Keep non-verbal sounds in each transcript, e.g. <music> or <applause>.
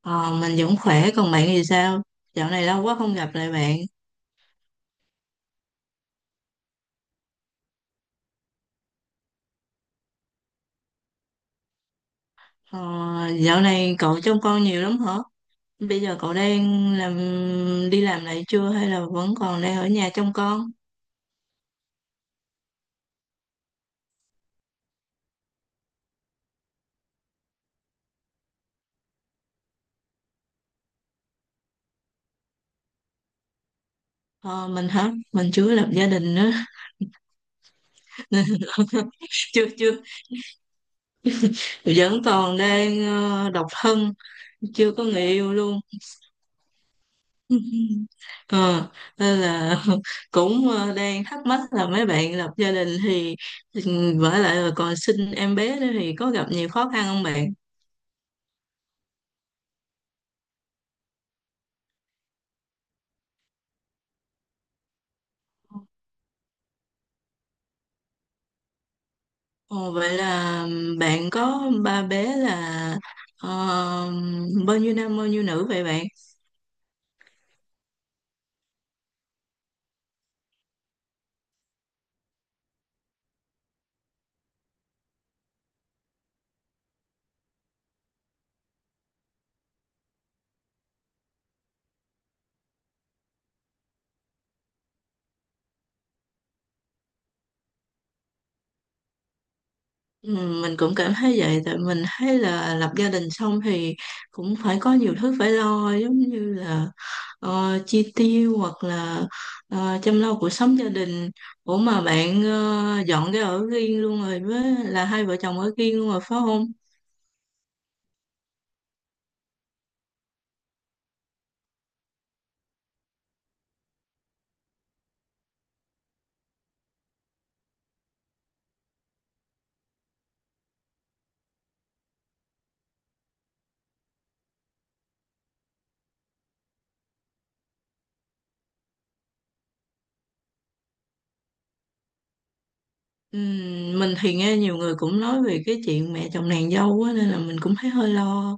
Ờ, mình vẫn khỏe, còn bạn thì sao? Dạo này lâu quá không gặp lại bạn. Ờ, dạo này cậu trông con nhiều lắm hả? Bây giờ cậu đang làm đi làm lại chưa hay là vẫn còn đang ở nhà trông con? Ờ, mình hả? Mình chưa lập gia đình nữa. <laughs> Nên chưa chưa. Vẫn còn đang độc thân, chưa có người yêu luôn. <laughs> ờ Nên là <laughs> cũng đang thắc mắc là mấy bạn lập gia đình thì vả lại là còn sinh em bé nữa thì có gặp nhiều khó khăn không bạn? Ồ, vậy là bạn có ba bé là ờ, bao nhiêu nam bao nhiêu nữ vậy bạn? Ừ, mình cũng cảm thấy vậy tại mình thấy là lập gia đình xong thì cũng phải có nhiều thứ phải lo, giống như là chi tiêu hoặc là chăm lo cuộc sống gia đình. Ủa, mà bạn dọn cái ở riêng luôn rồi, với là hai vợ chồng ở riêng luôn rồi phải không? Ừ, mình thì nghe nhiều người cũng nói về cái chuyện mẹ chồng nàng dâu á, nên là mình cũng thấy hơi lo.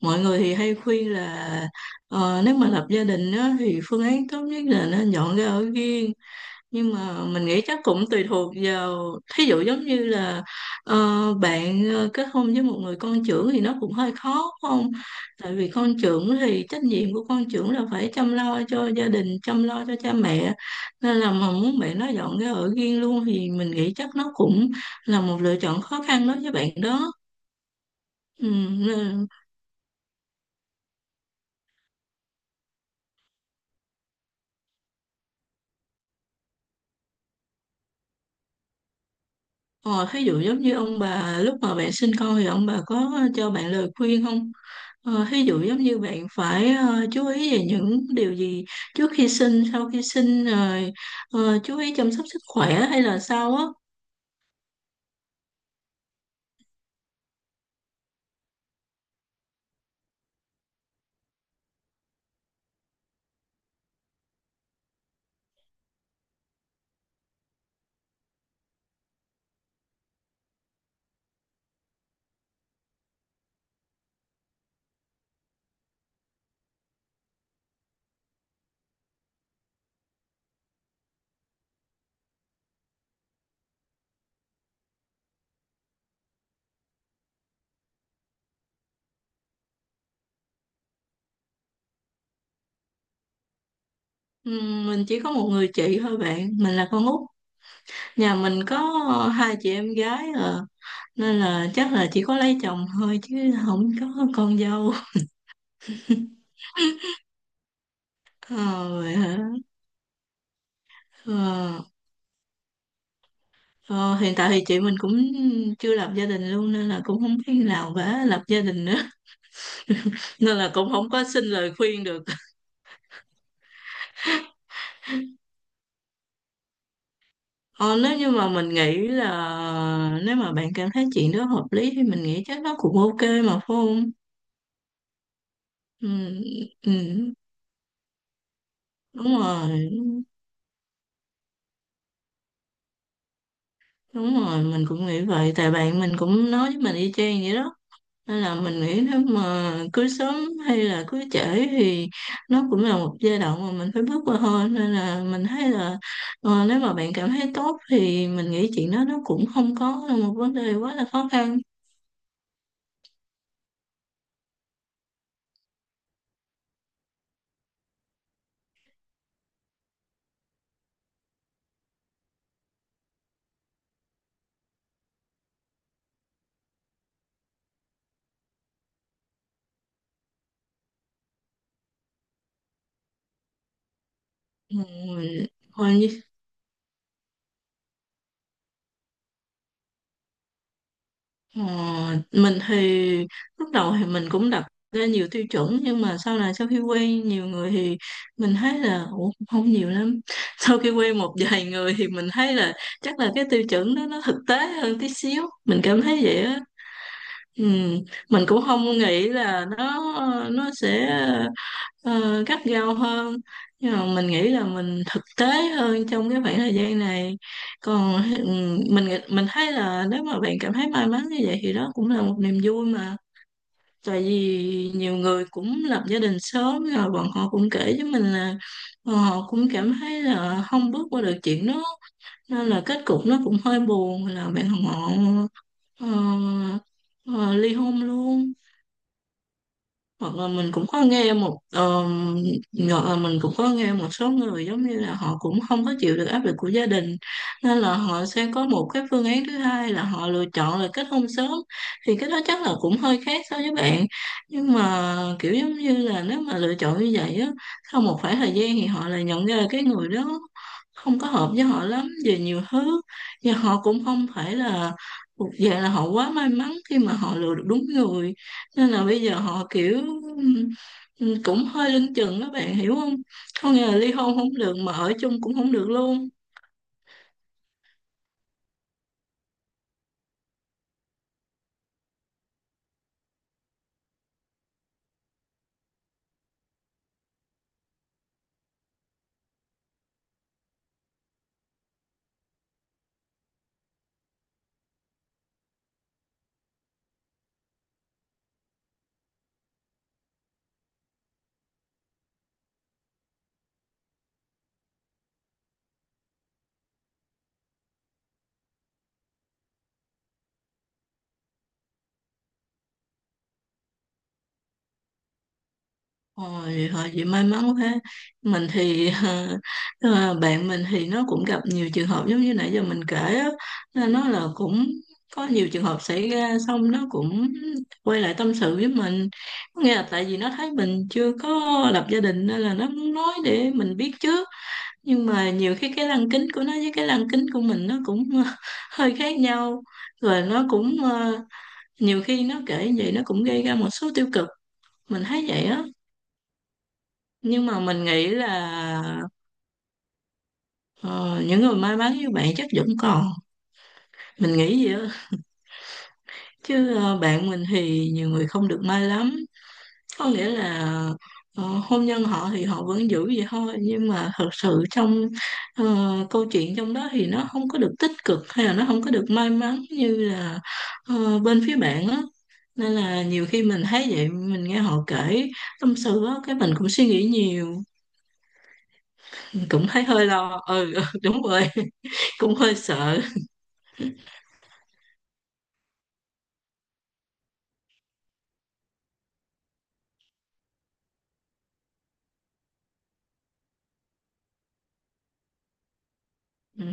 Mọi người thì hay khuyên là nếu mà lập gia đình á thì phương án tốt nhất là nên dọn ra ở riêng. Nhưng mà mình nghĩ chắc cũng tùy thuộc vào, thí dụ giống như là ờ, bạn kết hôn với một người con trưởng thì nó cũng hơi khó phải không? Tại vì con trưởng thì trách nhiệm của con trưởng là phải chăm lo cho gia đình, chăm lo cho cha mẹ, nên là mà muốn bạn nó dọn ra ở riêng luôn thì mình nghĩ chắc nó cũng là một lựa chọn khó khăn đối với bạn đó. Ừ, nên- ờ, thí dụ giống như ông bà lúc mà bạn sinh con thì ông bà có cho bạn lời khuyên không? Ờ, ví dụ giống như bạn phải chú ý về những điều gì trước khi sinh, sau khi sinh, rồi chú ý chăm sóc sức khỏe hay là sao á. Mình chỉ có một người chị thôi bạn, mình là con út. Nhà mình có hai chị em gái à, nên là chắc là chỉ có lấy chồng thôi chứ không có con dâu. Ờ, vậy hả? Ờ, ờ, Hiện tại thì chị mình cũng chưa lập gia đình luôn nên là cũng không biết nào vả lập gia đình nữa. <laughs> Nên là cũng không có xin lời khuyên được. Ờ, Nếu như mà mình nghĩ là nếu mà bạn cảm thấy chuyện đó hợp lý thì mình nghĩ chắc nó cũng ok mà, phải không? Ừ, ừ, đúng rồi, đúng rồi, mình cũng nghĩ vậy. Tại bạn mình cũng nói với mình y chang vậy đó. Nên là mình nghĩ nếu mà cưới sớm hay là cưới trễ thì nó cũng là một giai đoạn mà mình phải bước qua thôi. Nên là mình thấy là nếu mà bạn cảm thấy tốt thì mình nghĩ chuyện đó nó cũng không có là một vấn đề quá là khó khăn. Ừ, thôi. Ờ, mình thì lúc đầu thì mình cũng đặt ra nhiều tiêu chuẩn, nhưng mà sau này, sau khi quen nhiều người thì mình thấy là, ủa, không nhiều lắm. <laughs> Sau khi quen một vài người thì mình thấy là chắc là cái tiêu chuẩn đó nó thực tế hơn tí xíu, mình cảm thấy vậy á. Ừ, mình cũng không nghĩ là nó sẽ gắt gao hơn, nhưng mà mình nghĩ là mình thực tế hơn trong cái khoảng thời gian này. Còn mình thấy là nếu mà bạn cảm thấy may mắn như vậy thì đó cũng là một niềm vui mà. Tại vì nhiều người cũng lập gia đình sớm rồi, bọn họ cũng kể với mình là bọn họ cũng cảm thấy là không bước qua được chuyện đó, nên là kết cục nó cũng hơi buồn, là bạn họ ờ, ờ, ly hôn luôn. hoặc là mình cũng có nghe một ờ, Hoặc là mình cũng có nghe một số người giống như là họ cũng không có chịu được áp lực của gia đình, nên là họ sẽ có một cái phương án thứ hai là họ lựa chọn là kết hôn sớm. Thì cái đó chắc là cũng hơi khác so với bạn, nhưng mà kiểu giống như là, nếu mà lựa chọn như vậy á, sau một khoảng thời gian thì họ lại nhận ra là cái người đó không có hợp với họ lắm về nhiều thứ, và họ cũng không phải là thuộc dạng là họ quá may mắn khi mà họ lựa được đúng người. Nên là bây giờ họ kiểu ừ, cũng hơi lưng chừng, các bạn hiểu không? Không, nghĩa là ly hôn không được mà ở chung cũng không được luôn. Ôi, họ chị may mắn quá. Mình thì <laughs> bạn mình thì nó cũng gặp nhiều trường hợp giống như nãy giờ mình kể á, nên nó là cũng có nhiều trường hợp xảy ra, xong nó cũng quay lại tâm sự với mình. Có nghĩa là tại vì nó thấy mình chưa có lập gia đình nên là nó muốn nói để mình biết trước, nhưng mà nhiều khi cái lăng kính của nó với cái lăng kính của mình nó cũng <laughs> hơi khác nhau. Rồi nó cũng nhiều khi nó kể vậy nó cũng gây ra một số tiêu cực, mình thấy vậy á. Nhưng mà mình nghĩ là ờ, những người may mắn như bạn chắc vẫn còn, mình nghĩ vậy á. Chứ bạn mình thì nhiều người không được may lắm. Có nghĩa là hôn nhân họ thì họ vẫn giữ vậy thôi, nhưng mà thật sự trong ờ, câu chuyện trong đó thì nó không có được tích cực, hay là nó không có được may mắn như là bên phía bạn á. Nên là nhiều khi mình thấy vậy, mình nghe họ kể tâm sự á, cái mình cũng suy nghĩ nhiều. Mình cũng thấy hơi lo, ừ, ừ, đúng rồi. <laughs> Cũng hơi sợ. Ừ,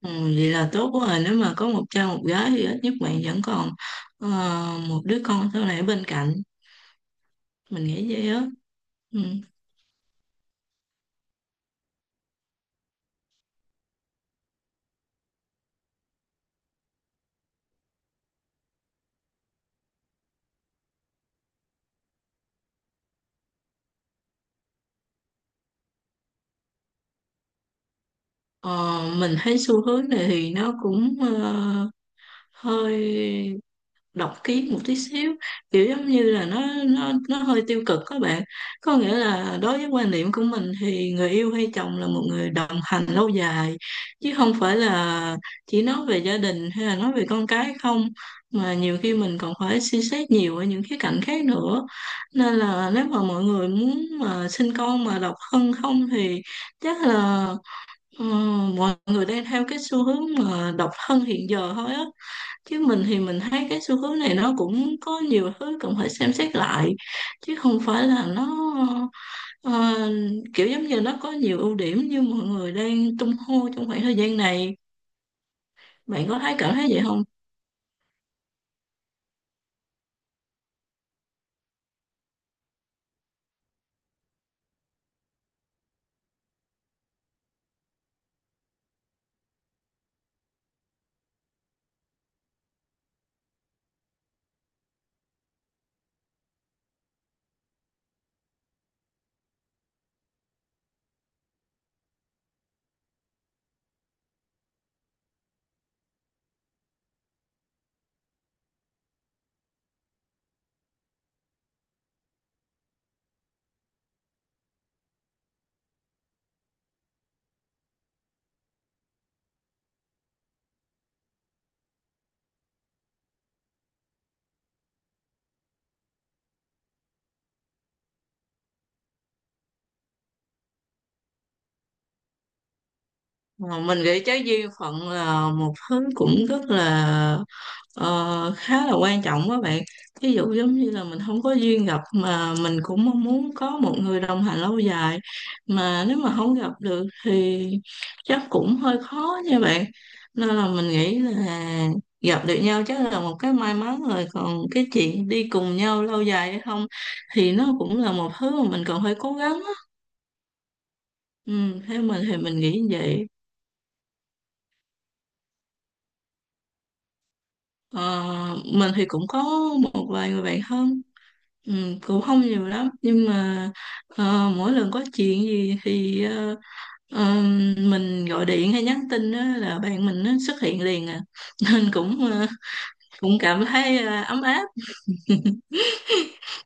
ừ, vậy là tốt quá rồi, nếu mà có một cha một gái thì ít nhất bạn vẫn còn ờ, một đứa con sau này ở bên cạnh, mình nghĩ vậy á. Ừ. Ờ, mình thấy xu hướng này thì nó cũng hơi độc kiến một tí xíu, kiểu giống như là nó hơi tiêu cực các bạn. Có nghĩa là, đối với quan niệm của mình thì người yêu hay chồng là một người đồng hành lâu dài, chứ không phải là chỉ nói về gia đình hay là nói về con cái không, mà nhiều khi mình còn phải suy xét nhiều ở những khía cạnh khác nữa. Nên là nếu mà mọi người muốn mà sinh con mà độc thân không thì chắc là Ờ, mọi người đang theo cái xu hướng mà độc thân hiện giờ thôi á. Chứ mình thì mình thấy cái xu hướng này nó cũng có nhiều thứ cần phải xem xét lại, chứ không phải là nó ờ, kiểu giống như nó có nhiều ưu điểm như mọi người đang tung hô trong khoảng thời gian này. Bạn có thấy cảm thấy vậy không? Ờ, mình nghĩ trái duyên phận là một thứ cũng rất là khá là quan trọng đó bạn. Ví dụ giống như là mình không có duyên gặp, mà mình cũng mong muốn có một người đồng hành lâu dài mà nếu mà không gặp được thì chắc cũng hơi khó nha bạn. Nên là mình nghĩ là gặp được nhau chắc là một cái may mắn rồi, còn cái chuyện đi cùng nhau lâu dài hay không thì nó cũng là một thứ mà mình còn phải cố gắng á. Ừ, theo mình thì mình nghĩ như vậy. Ờ, mình thì cũng có một vài người bạn thân, ừ, cũng không nhiều lắm, nhưng mà mỗi lần có chuyện gì thì ờ, mình gọi điện hay nhắn tin á là bạn mình nó xuất hiện liền à. <laughs> Nên cũng cũng cảm thấy ấm áp.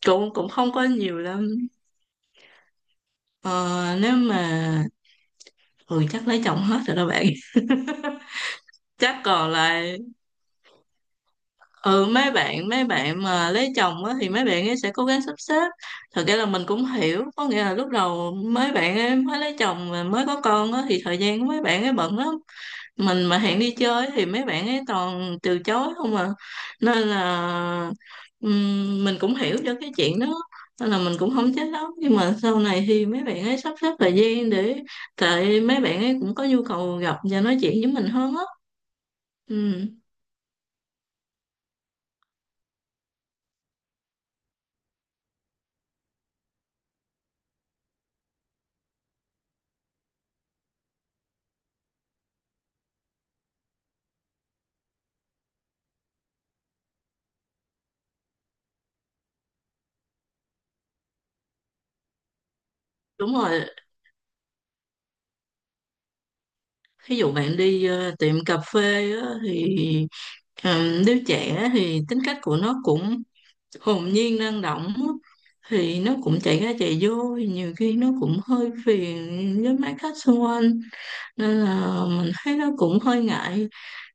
Cũng cũng không có nhiều lắm. Ờ, nếu mà ừ Chắc lấy chồng hết rồi đó bạn. <laughs> Chắc còn lại ừ mấy bạn mà lấy chồng á thì mấy bạn ấy sẽ cố gắng sắp xếp. Thật ra là mình cũng hiểu, có nghĩa là lúc đầu mấy bạn ấy mới lấy chồng và mới có con á thì thời gian của mấy bạn ấy bận lắm. Mình mà hẹn đi chơi thì mấy bạn ấy toàn từ chối không à. Nên là mình cũng hiểu cho cái chuyện đó, nên là mình cũng không trách lắm. Nhưng mà sau này thì mấy bạn ấy sắp xếp thời gian để, tại mấy bạn ấy cũng có nhu cầu gặp và nói chuyện với mình hơn á. Ừ, đúng rồi. Ví dụ bạn đi tiệm cà phê á, thì ờ, đứa trẻ thì tính cách của nó cũng hồn nhiên, năng động á, thì nó cũng chạy ra chạy vô, thì nhiều khi nó cũng hơi phiền với mấy khách xung quanh, nên là mình thấy nó cũng hơi ngại.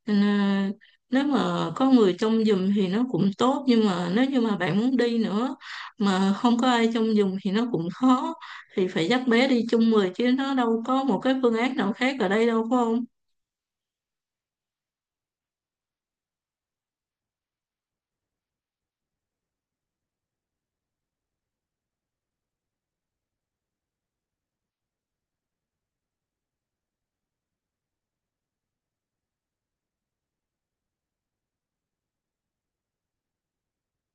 Nên là, nếu mà có người trông giùm thì nó cũng tốt, nhưng mà nếu như mà bạn muốn đi nữa mà không có ai trông giùm thì nó cũng khó. Thì phải dắt bé đi chung người, chứ nó đâu có một cái phương án nào khác ở đây đâu phải không?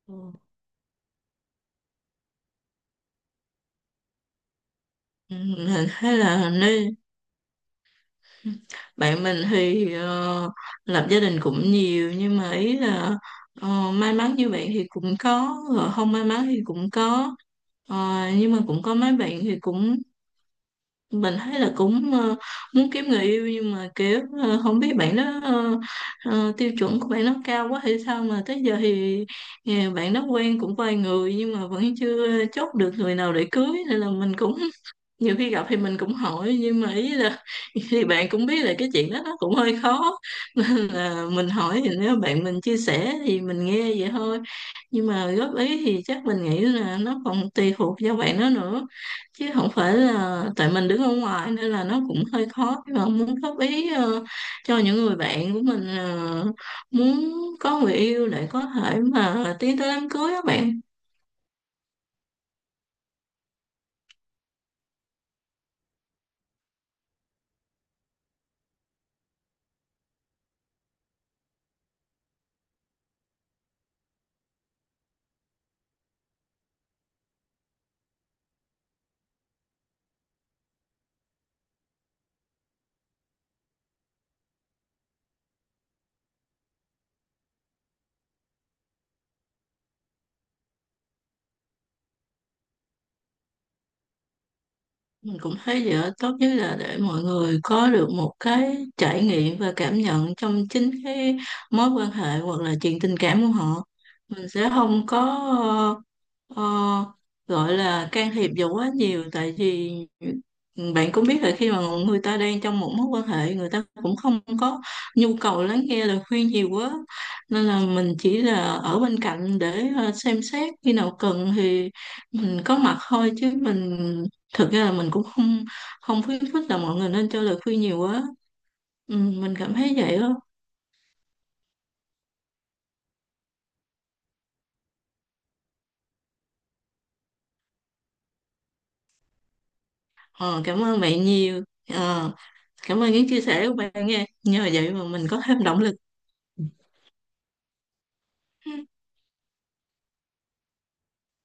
Ừ. Ừ, mình thấy là nên bạn mình thì lập gia đình cũng nhiều, nhưng mà ý là may mắn như bạn thì cũng có rồi, không may mắn thì cũng có. Ờ, nhưng mà cũng có mấy bạn thì cũng, mình thấy là cũng muốn kiếm người yêu, nhưng mà kiểu không biết bạn đó tiêu chuẩn của bạn nó cao quá hay sao mà tới giờ thì bạn đó quen cũng vài người nhưng mà vẫn chưa chốt được người nào để cưới. Nên là mình cũng, nhiều khi gặp thì mình cũng hỏi, nhưng mà ý là <laughs> thì bạn cũng biết là cái chuyện đó nó cũng hơi khó. <laughs> Nên là mình hỏi thì, nếu bạn mình chia sẻ thì mình nghe vậy thôi, nhưng mà góp ý thì chắc mình nghĩ là nó còn tùy thuộc vào bạn đó nữa, chứ không phải là, tại mình đứng ở ngoài nên là nó cũng hơi khó, nhưng mà muốn góp ý cho những người bạn của mình muốn có người yêu để có thể mà tiến tới đám cưới các bạn. Mình cũng thấy vậy đó. Tốt nhất là để mọi người có được một cái trải nghiệm và cảm nhận trong chính cái mối quan hệ hoặc là chuyện tình cảm của họ. Mình sẽ không có ờ, gọi là can thiệp vào quá nhiều, tại vì bạn cũng biết là khi mà người ta đang trong một mối quan hệ, người ta cũng không có nhu cầu lắng nghe lời khuyên nhiều quá. Nên là mình chỉ là ở bên cạnh để xem xét, khi nào cần thì mình có mặt thôi, chứ mình thực ra là mình cũng không không khuyến khích là mọi người nên cho lời khuyên nhiều quá. Ừ, mình cảm thấy vậy đó. Ờ, Cảm ơn bạn nhiều, ờ, cảm ơn những chia sẻ của bạn, nghe nhờ vậy mà mình có thêm động lực. Ừ.